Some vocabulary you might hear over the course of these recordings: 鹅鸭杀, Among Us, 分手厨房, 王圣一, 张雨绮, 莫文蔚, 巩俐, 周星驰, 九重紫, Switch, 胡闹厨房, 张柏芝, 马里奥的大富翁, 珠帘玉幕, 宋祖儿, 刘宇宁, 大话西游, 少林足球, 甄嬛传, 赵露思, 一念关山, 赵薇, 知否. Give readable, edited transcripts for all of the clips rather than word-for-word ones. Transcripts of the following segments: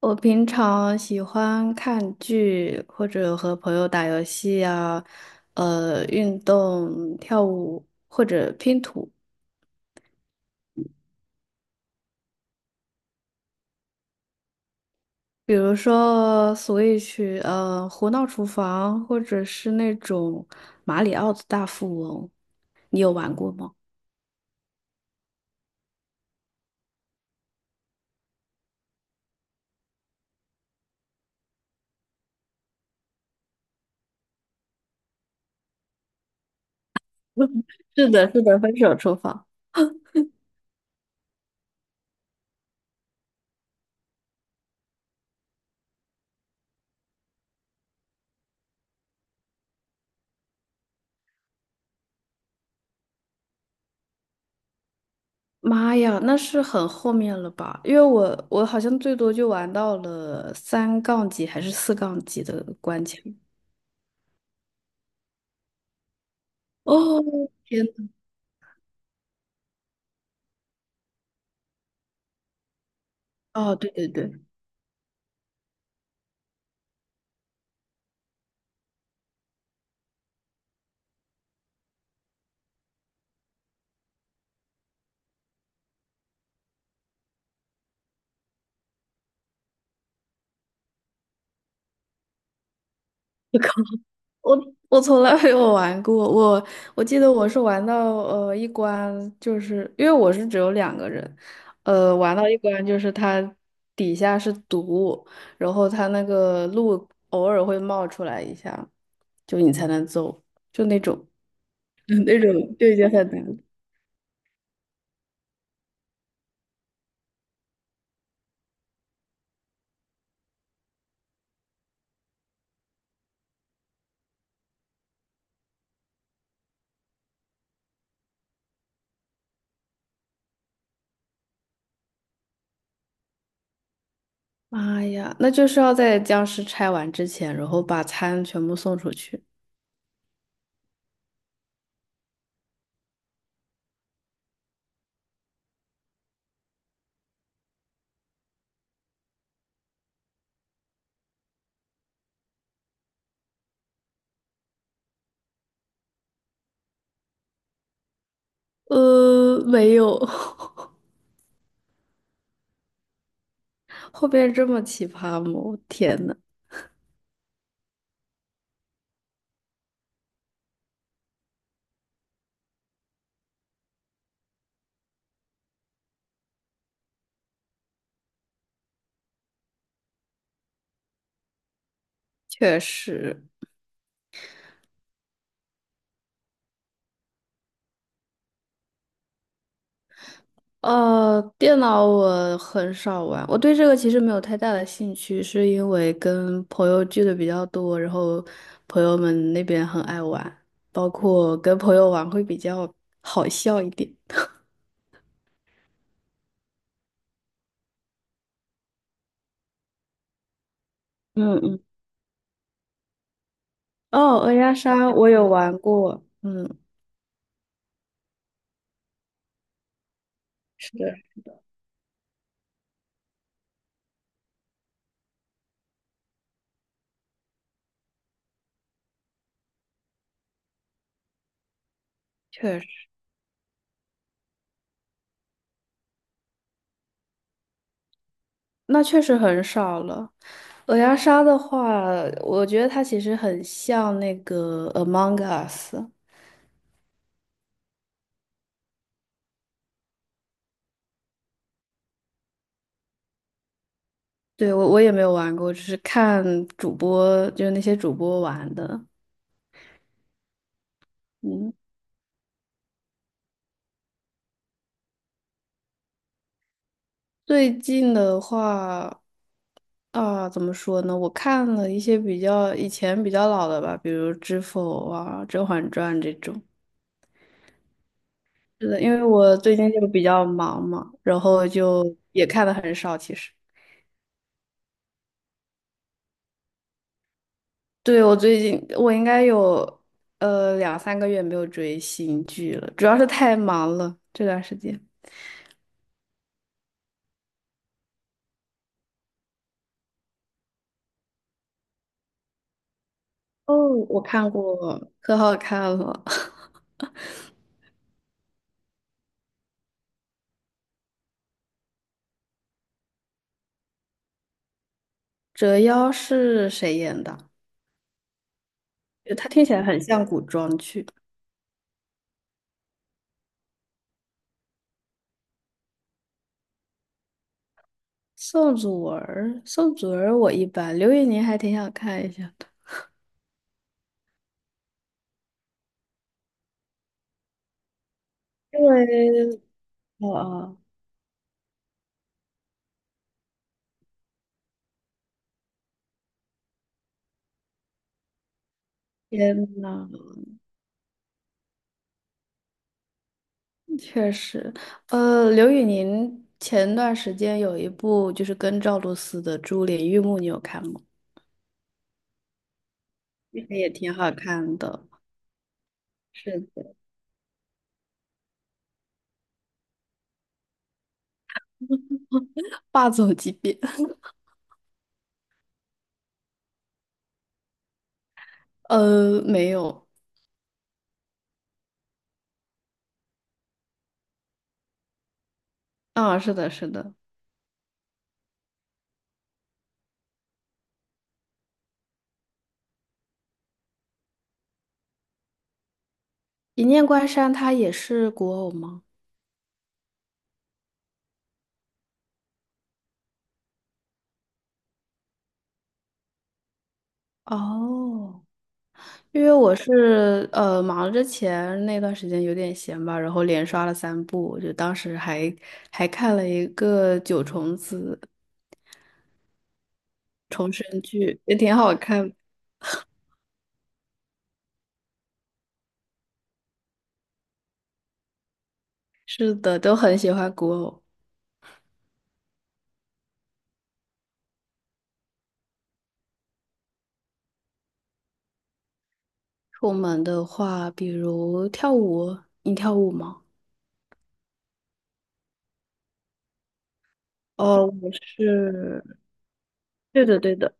我平常喜欢看剧，或者和朋友打游戏啊，运动、跳舞或者拼图，比如说 Switch，《胡闹厨房》，或者是那种《马里奥的大富翁》，你有玩过吗？是的，是的，分手厨房。妈呀，那是很后面了吧？因为我好像最多就玩到了三杠几还是四杠几的关卡。哦，天呐，哦，对对对，我从来没有玩过，我记得我是玩到一关，就是因为我是只有两个人，玩到一关就是它底下是毒物然后它那个路偶尔会冒出来一下，就你才能走，就那种 那种就已经很难了。妈呀，那就是要在僵尸拆完之前，然后把餐全部送出去。呃，没有，后边这么奇葩吗？我天呐，确实。电脑我很少玩，我对这个其实没有太大的兴趣，是因为跟朋友聚的比较多，然后朋友们那边很爱玩，包括跟朋友玩会比较好笑一点。嗯嗯，哦，鹅鸭杀我有玩过，嗯，是的，确实，那确实很少了。鹅鸭杀的话，我觉得它其实很像那个 Among Us。对，我也没有玩过，只是看主播，就是那些主播玩的。嗯，最近的话，啊，怎么说呢？我看了一些比较以前比较老的吧，比如《知否》啊，《甄嬛传》这种。是的，因为我最近就比较忙嘛，然后就也看的很少。其实，对，我最近我应该有两三个月没有追新剧了，主要是太忙了这段时间。哦，我看过，可好看了。折腰是谁演的？就它听起来很像古装剧。宋祖儿，宋祖儿我一般，刘宇宁还挺想看一下的，因为哦，天呐，确实，刘宇宁前段时间有一部就是跟赵露思的《珠帘玉幕》，你有看吗？那个也挺好看的，是的，霸总级别。呃，没有，啊，是的，是的，《一念关山》它也是古偶吗？哦。因为我是忙之前那段时间有点闲吧，然后连刷了三部，就当时还看了一个《九重紫》重生剧，也挺好看。是的，都很喜欢古偶。出门的话，比如跳舞，你跳舞吗？哦，我是，对的对的。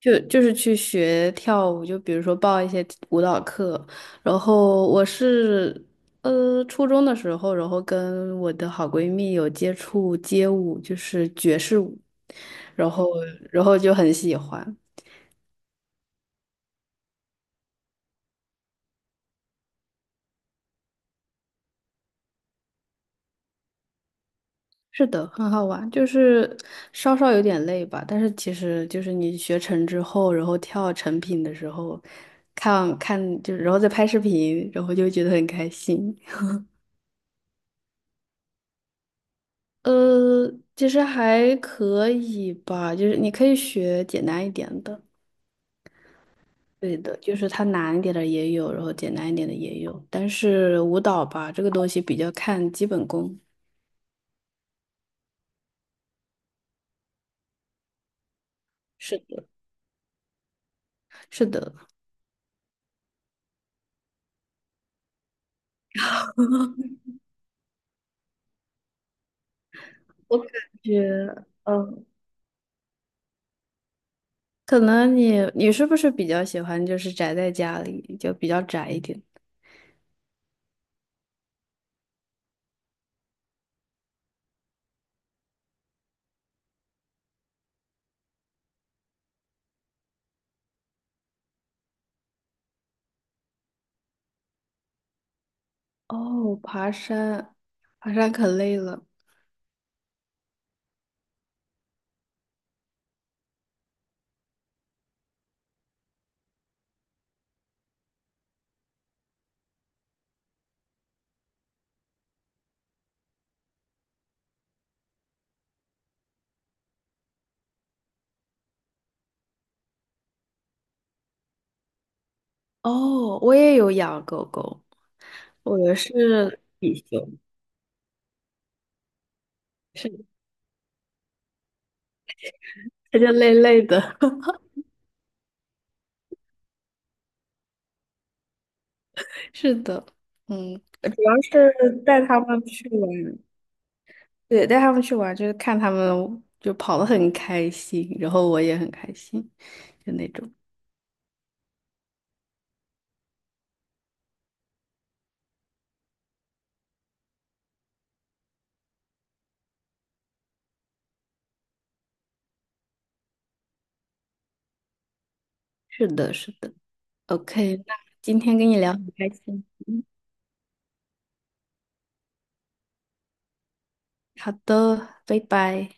就是去学跳舞，就比如说报一些舞蹈课，然后我是初中的时候，然后跟我的好闺蜜有接触街舞，就是爵士舞，然后就很喜欢。是的，很好玩，就是稍稍有点累吧，但是其实就是你学成之后，然后跳成品的时候，看看就然后再拍视频，然后就会觉得很开心。其实还可以吧，就是你可以学简单一点的，对的，就是它难一点的也有，然后简单一点的也有，但是舞蹈吧，这个东西比较看基本功。是的，是的，我感觉，嗯，可能你是不是比较喜欢就是宅在家里，就比较宅一点？哦，爬山，爬山可累了。哦，我也有养狗狗，我是比熊，是，它就累累的。是的，嗯，主要是带他们去玩，对，带他们去玩，就是看他们就跑得很开心，然后我也很开心，就那种。是的，是的。OK，那今天跟你聊很开心。嗯好的，拜拜。